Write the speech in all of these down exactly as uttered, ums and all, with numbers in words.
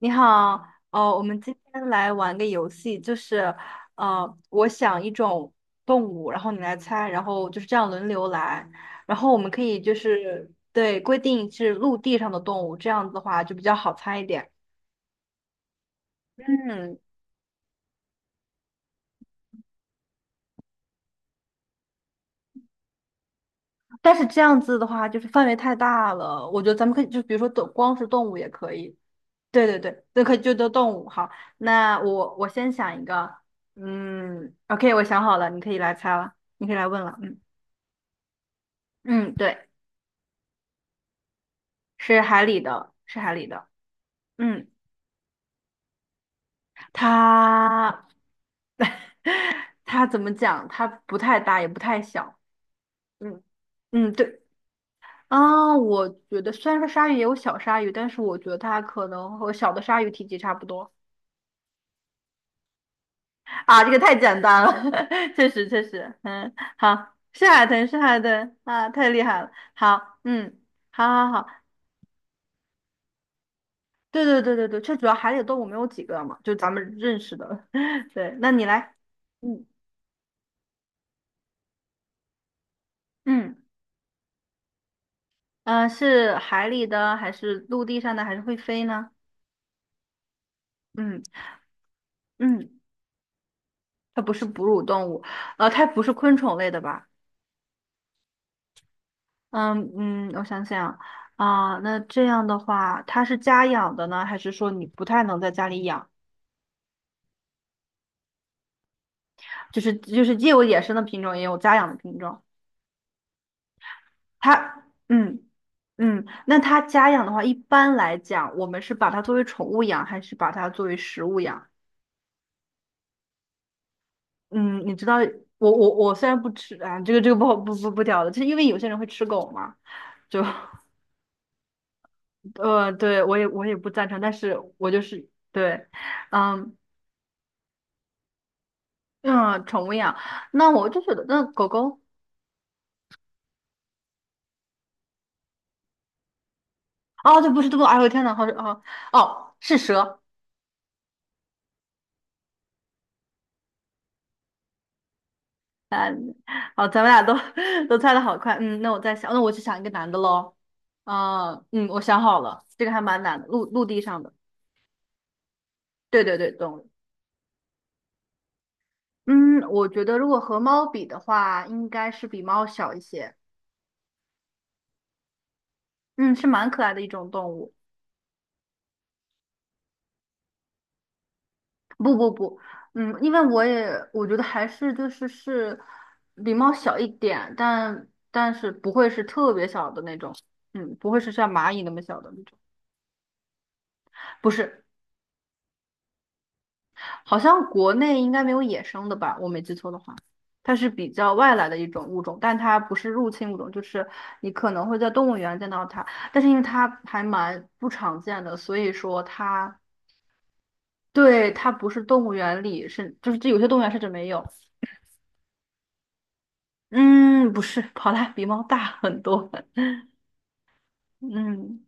你好，呃，我们今天来玩个游戏，就是，呃，我想一种动物，然后你来猜，然后就是这样轮流来，然后我们可以就是对规定是陆地上的动物，这样子的话就比较好猜一点。嗯，但是这样子的话就是范围太大了，我觉得咱们可以就比如说动光是动物也可以。对对对，那可以就都动物。好，那我我先想一个，嗯，OK，我想好了，你可以来猜了，你可以来问了。嗯嗯，对。是海里的，是海里的。嗯，它 它怎么讲？它不太大，也不太小。嗯嗯，对。啊，我觉得虽然说鲨鱼也有小鲨鱼，但是我觉得它可能和小的鲨鱼体积差不多。啊，这个太简单了，确实确实。嗯，好，是海豚，是海豚啊，太厉害了。好，嗯，好好好，对对对对对，这主要海里的动物没有几个嘛，就咱们认识的。对，那你来，嗯嗯。嗯，是海里的还是陆地上的，还是会飞呢？嗯嗯，它不是哺乳动物，呃，它不是昆虫类的吧？嗯嗯，我想想啊，那这样的话，它是家养的呢，还是说你不太能在家里养？就是就是既有野生的品种，也有家养的品种。它嗯嗯，那它家养的话，一般来讲，我们是把它作为宠物养，还是把它作为食物养？嗯，你知道我我我虽然不吃啊，这个这个不好不不不屌的，就是因为有些人会吃狗嘛，就 呃，对我也我也不赞成，但是我就是对，嗯嗯，宠物养，那我就觉得那狗狗哦，这不是这个，哎呦我天呐，好哦哦是蛇，好咱们俩都 都猜的好快，嗯，那我再想，那我去想一个男的喽，嗯嗯，我想好了，这个还蛮难的，陆陆地上的，对对对，动物，嗯，我觉得如果和猫比的话，应该是比猫小一些。嗯，是蛮可爱的一种动物。不不不，嗯，因为我也我觉得还是就是是比猫小一点，但但是不会是特别小的那种，嗯，不会是像蚂蚁那么小的那种，不是，好像国内应该没有野生的吧，我没记错的话，它是比较外来的一种物种，但它不是入侵物种，就是你可能会在动物园见到它，但是因为它还蛮不常见的，所以说它对它不是动物园里是就是这有些动物园甚至没有。嗯，不是，跑它比猫大很多。嗯，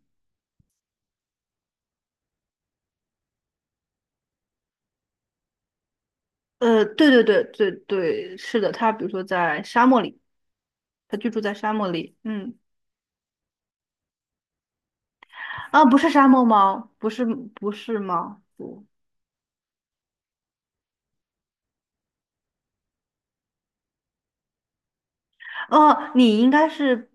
呃，对对对对对，是的，它比如说在沙漠里，它居住在沙漠里。嗯，啊，不是沙漠猫，不是不是猫，不，哦，你应该是，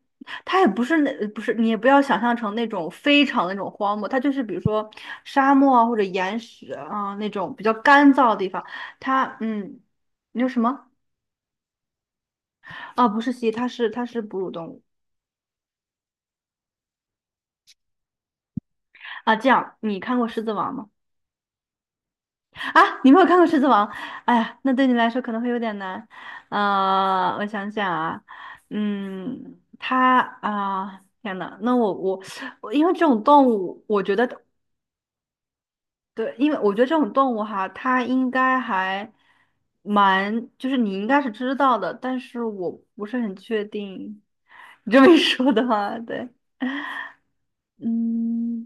它也不是那不是，你也不要想象成那种非常那种荒漠，它就是比如说沙漠啊或者岩石啊那种比较干燥的地方。它，嗯，你说什么？啊，不是蜥蜴，它是它是哺乳动物啊。这样，你看过《狮子王》吗？啊，你没有看过《狮子王》？哎呀，那对你来说可能会有点难。啊、我想想啊，嗯，它啊、天呐，那我我我，因为这种动物，我觉得对，因为我觉得这种动物哈，它应该还蛮，就是你应该是知道的，但是我不是很确定。你这么一说的话，对，嗯，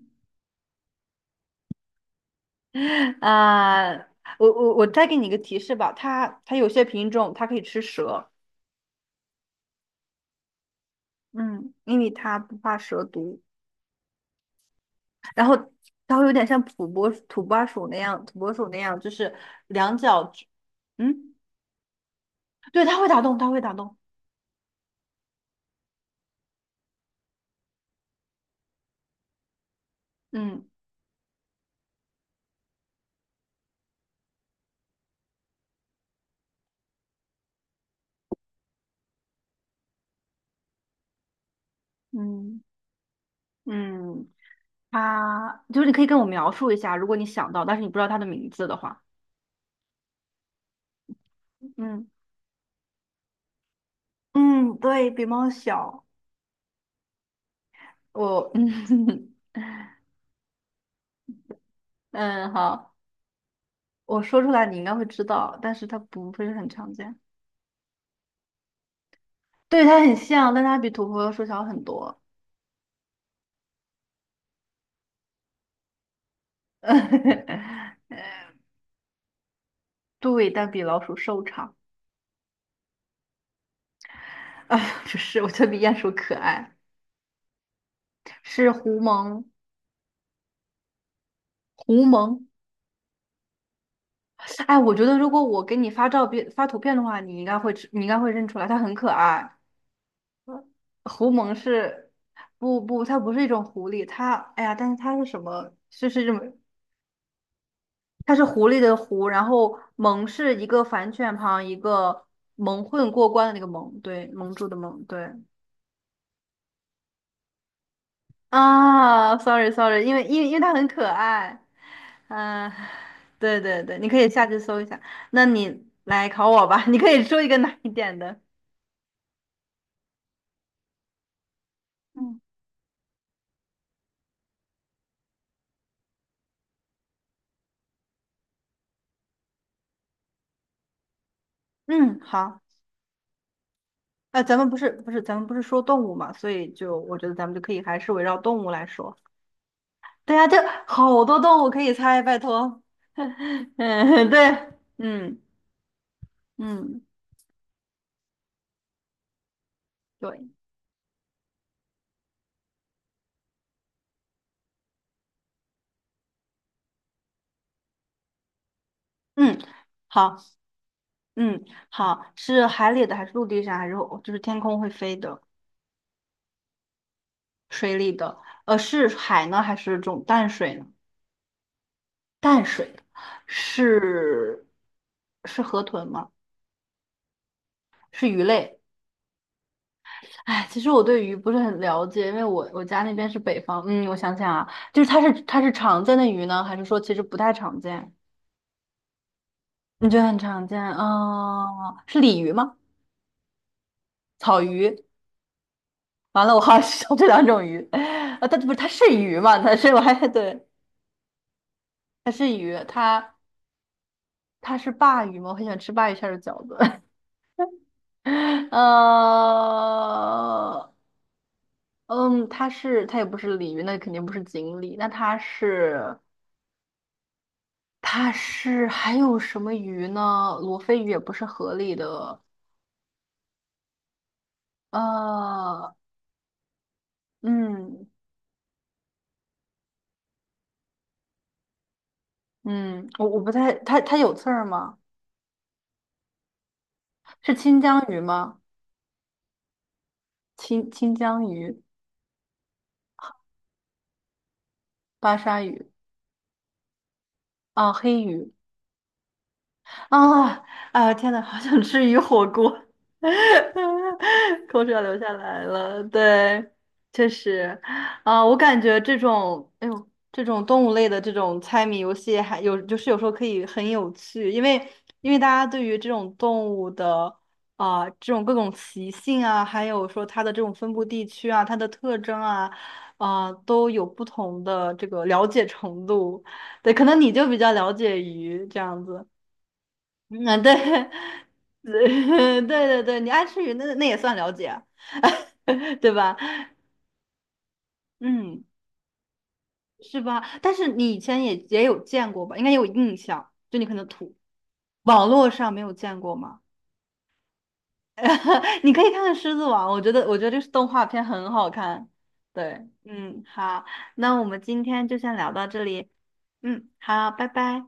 啊、我我我再给你一个提示吧，它它有些品种它可以吃蛇。嗯，因为它不怕蛇毒，然后它会有点像土拨土拨鼠那样，土拨鼠那样，就是两脚，嗯，对，它会打洞，它会打洞，嗯嗯嗯，它就是你可以跟我描述一下，如果你想到，但是你不知道它的名字的话，嗯嗯，对，比猫小，我 嗯嗯好，我说出来你应该会知道，但是它不会很常见，对，它很像，但它比土拨鼠小很多。对，但比老鼠瘦长。哎，不是，我觉得比鼹鼠可爱。是狐獴，狐獴。哎，我觉得如果我给你发照片、发图片的话，你应该会知你应该会认出来，它很可爱。狐獴是，不不，它不是一种狐狸，它，哎呀，但是它是什么？就是这么，它是狐狸的狐，然后獴是一个反犬旁，一个蒙混过关的那个蒙，对，蒙住的蒙，对。啊，sorry sorry，因为因为因为它很可爱，嗯、对对对，你可以下去搜一下。那你来考我吧，你可以说一个难一点的。嗯，嗯，好，呃，咱们不是不是咱们不是说动物嘛，所以就我觉得咱们就可以还是围绕动物来说。对呀，这好多动物可以猜，拜托。嗯，对，嗯嗯，对，嗯，好，嗯好，是海里的还是陆地上还是就是天空会飞的？水里的，呃，是海呢还是这种淡水呢？淡水的是是河豚吗？是鱼类。哎，其实我对鱼不是很了解，因为我我家那边是北方。嗯，我想想啊，就是它是它是常见的鱼呢，还是说其实不太常见？你觉得很常见？哦，是鲤鱼吗？草鱼？完了，我好想知道这两种鱼。啊，它不是它是鱼吗？它是我还对，它是鱼，它它是鲅鱼吗？我很喜欢吃鲅鱼馅儿的饺子。呃，嗯，他是他也不是鲤鱼，那肯定不是锦鲤，那他是他是还有什么鱼呢？罗非鱼也不是河里的，呃，嗯嗯，我我不太，它它有刺儿吗？是清江鱼吗？清清江鱼、巴沙鱼啊，黑鱼啊，哎呀天呐，好想吃鱼火锅，口水要流下来了。对，确实，啊，我感觉这种，哎呦，这种动物类的这种猜谜游戏，还有就是有时候可以很有趣，因为因为大家对于这种动物的啊、这种各种习性啊，还有说它的这种分布地区啊，它的特征啊，啊、都有不同的这个了解程度。对，可能你就比较了解鱼这样子。嗯，对，对对对，你爱吃鱼，那那也算了解，对吧？嗯，是吧？但是你以前也也有见过吧？应该有印象，就你可能土，网络上没有见过吗？你可以看看《狮子王》，我觉得我觉得这是动画片很好看。对，嗯，好，那我们今天就先聊到这里。嗯，好，拜拜。